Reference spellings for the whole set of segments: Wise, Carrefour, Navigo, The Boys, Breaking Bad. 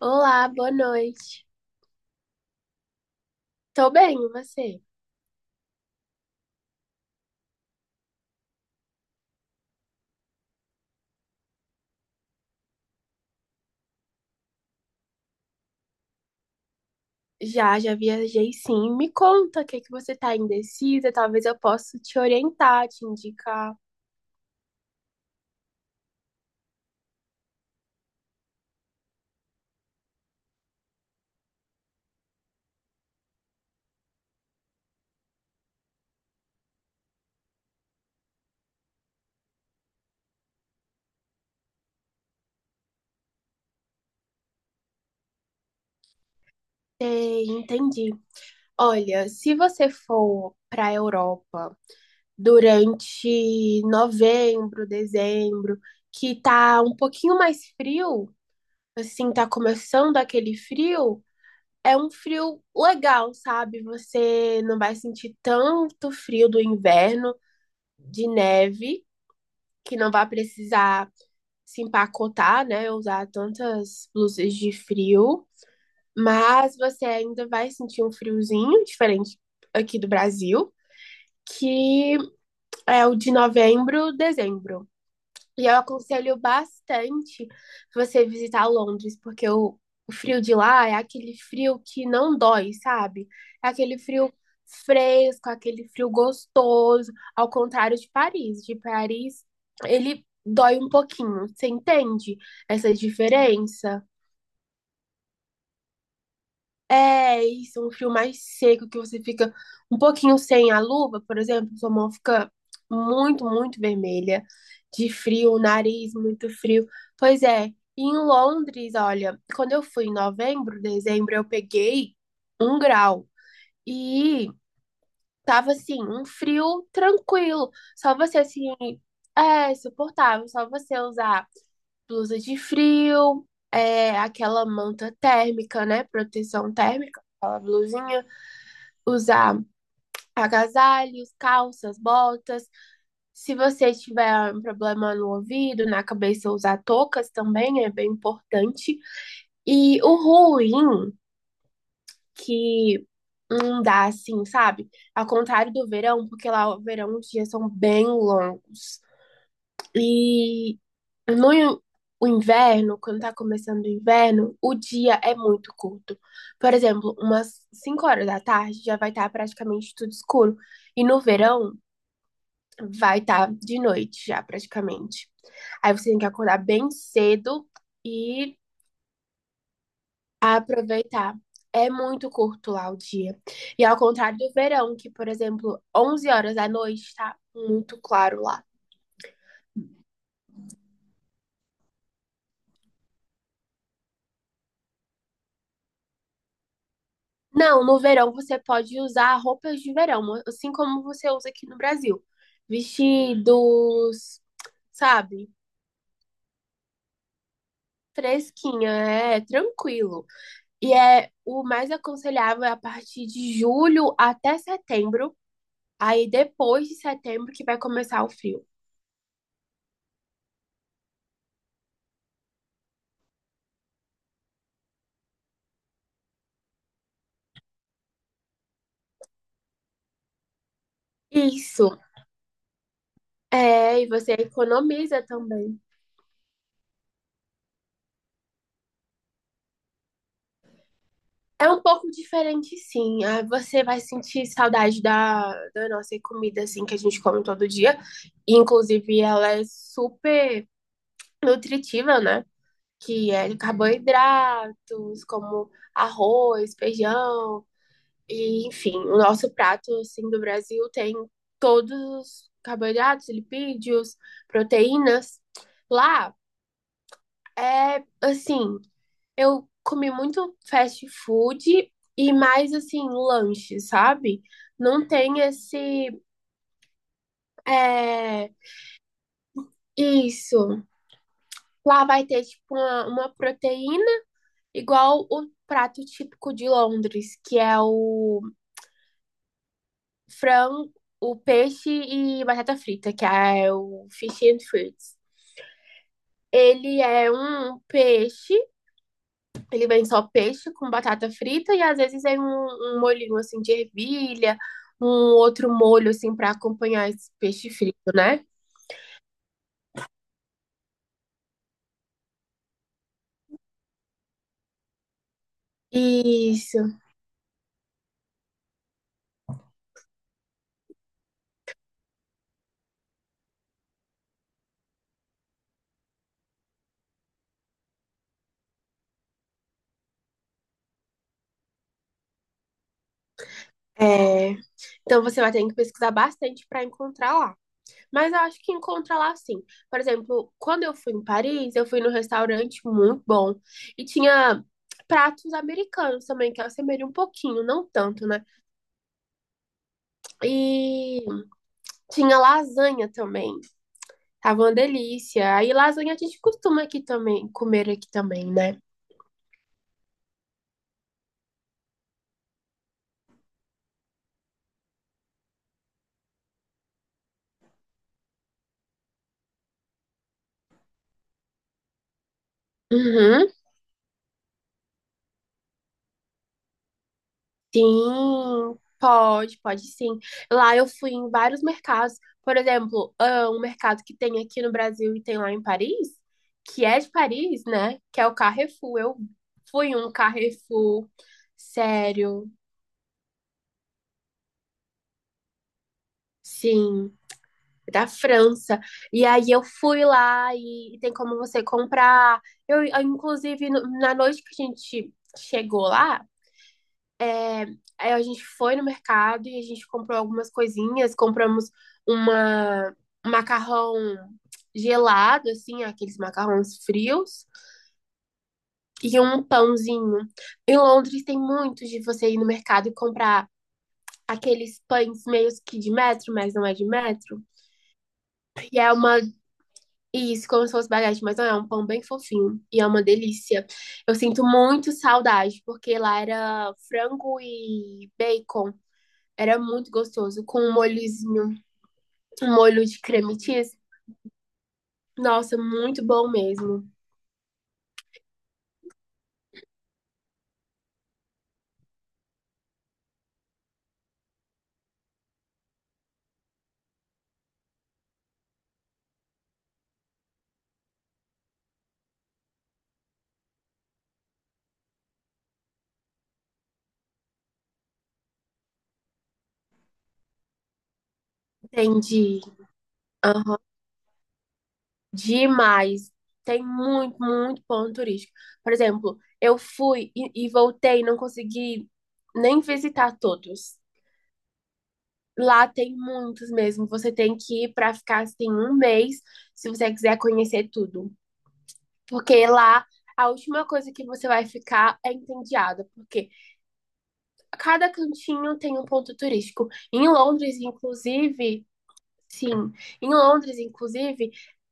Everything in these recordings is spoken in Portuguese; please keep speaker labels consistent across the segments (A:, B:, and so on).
A: Olá, boa noite. Tô bem, e você? Já viajei sim. Me conta o que que você tá indecisa, talvez eu possa te orientar, te indicar. Sei, entendi. Olha, se você for pra Europa durante novembro, dezembro, que tá um pouquinho mais frio, assim, tá começando aquele frio, é um frio legal, sabe? Você não vai sentir tanto frio do inverno, de neve. Que não vai precisar se empacotar, né? Usar tantas blusas de frio, mas você ainda vai sentir um friozinho diferente aqui do Brasil, que é o de novembro, dezembro. E eu aconselho bastante você visitar Londres, porque o frio de lá é aquele frio que não dói, sabe? É aquele frio fresco, aquele frio gostoso, ao contrário de Paris. De Paris, ele dói um pouquinho, você entende essa diferença? É isso, um frio mais seco que você fica um pouquinho sem a luva, por exemplo, sua mão fica muito, muito vermelha, de frio, o nariz muito frio. Pois é, e em Londres, olha, quando eu fui em novembro, dezembro, eu peguei 1 grau e tava assim, um frio tranquilo, só você assim, é suportável, só você usar blusa de frio, é, aquela manta térmica, né? Proteção térmica, aquela blusinha. Usar agasalhos, calças, botas. Se você tiver um problema no ouvido, na cabeça, usar toucas também é bem importante. E o ruim que não dá assim, sabe? Ao contrário do verão, porque lá o verão os dias são bem longos. E No in- o inverno, quando tá começando o inverno, o dia é muito curto. Por exemplo, umas 5 horas da tarde já vai estar praticamente tudo escuro. E no verão vai estar de noite já praticamente. Aí você tem que acordar bem cedo e aproveitar. É muito curto lá o dia. E ao contrário do verão, que, por exemplo, 11 horas da noite tá muito claro lá. Não, no verão você pode usar roupas de verão, assim como você usa aqui no Brasil. Vestidos, sabe? Fresquinha, é tranquilo. E é o mais aconselhável é a partir de julho até setembro. Aí depois de setembro que vai começar o frio. Isso. É, e você economiza também. É um pouco diferente, sim. Ah, você vai sentir saudade da nossa comida, assim, que a gente come todo dia. Inclusive, ela é super nutritiva, né? Que é de carboidratos, como arroz, feijão, e, enfim, o nosso prato, assim, do Brasil tem todos os carboidratos, lipídios, proteínas. Lá é, assim, eu comi muito fast food e mais assim, lanche, sabe? Não tem esse. É, isso. Lá vai ter tipo uma proteína, igual o prato típico de Londres, que é o frango, o peixe e batata frita, que é o fish and fruits. Ele é um peixe Ele vem só peixe com batata frita e às vezes vem um molhinho assim de ervilha, um outro molho assim para acompanhar esse peixe frito, né? Isso. É. Então você vai ter que pesquisar bastante para encontrar lá. Mas eu acho que encontra lá sim. Por exemplo, quando eu fui em Paris, eu fui num restaurante muito bom e tinha pratos americanos também, que assemelham um pouquinho, não tanto, né? E tinha lasanha também. Tava uma delícia. Aí lasanha a gente costuma aqui também, comer aqui também, né? Uhum. Sim, pode sim. Lá eu fui em vários mercados. Por exemplo, ah, um mercado que tem aqui no Brasil e tem lá em Paris, que é de Paris, né? Que é o Carrefour. Eu fui em um Carrefour, sério, sim, da França. E aí eu fui lá e tem como você comprar. Eu, inclusive, na noite que a gente chegou lá, aí a gente foi no mercado e a gente comprou algumas coisinhas, compramos uma um macarrão gelado, assim, aqueles macarrões frios, e um pãozinho. Em Londres tem muito de você ir no mercado e comprar aqueles pães meio que de metro, mas não é de metro. E é uma. Isso, como se fosse baguete, mas não é, é um pão bem fofinho. E é uma delícia. Eu sinto muito saudade, porque lá era frango e bacon. Era muito gostoso, com um molhozinho Um molho de creme cheese. Nossa, muito bom mesmo. Entendi. Aham. Demais. Tem muito, muito ponto turístico. Por exemplo, eu fui e voltei, não consegui nem visitar todos. Lá tem muitos mesmo. Você tem que ir para ficar assim um mês, se você quiser conhecer tudo. Porque lá a última coisa que você vai ficar é entediada, porque cada cantinho tem um ponto turístico. Em Londres, inclusive, sim, em Londres, inclusive,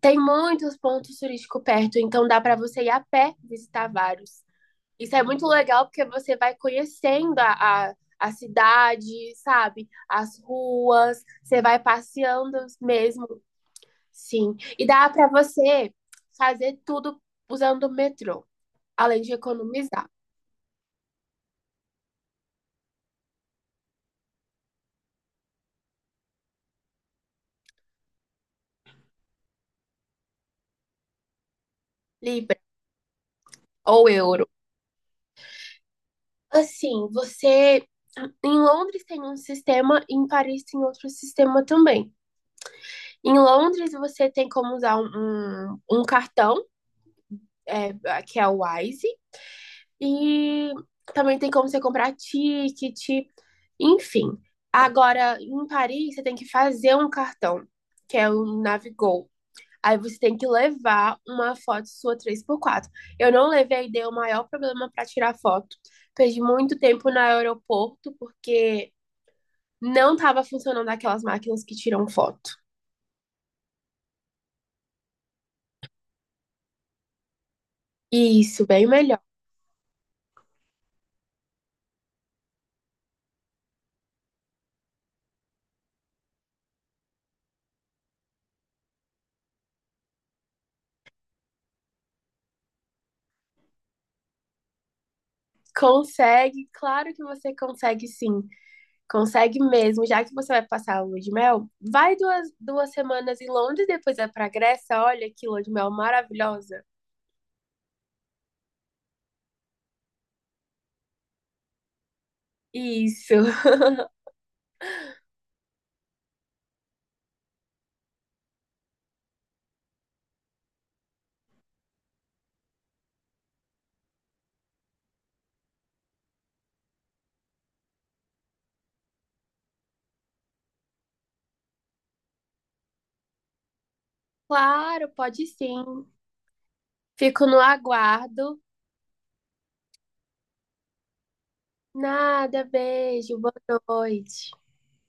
A: tem muitos pontos turísticos perto, então dá para você ir a pé visitar vários. Isso é muito legal porque você vai conhecendo a cidade, sabe? As ruas, você vai passeando mesmo. Sim, e dá para você fazer tudo usando o metrô, além de economizar libra ou euro. Assim, você em Londres tem um sistema, em Paris tem outro sistema também. Em Londres, você tem como usar um cartão, é, que é o Wise, e também tem como você comprar ticket, enfim. Agora, em Paris, você tem que fazer um cartão, que é o Navigo. Aí você tem que levar uma foto sua 3x4. Eu não levei, deu o maior problema para tirar foto. Perdi muito tempo no aeroporto, porque não estava funcionando aquelas máquinas que tiram foto. Isso, bem melhor. Consegue, claro que você consegue sim. Consegue mesmo, já que você vai passar a lua de mel, vai duas semanas em Londres, depois vai pra Grécia, olha que lua de mel maravilhosa. Isso. Claro, pode sim. Fico no aguardo. Nada, beijo, boa noite.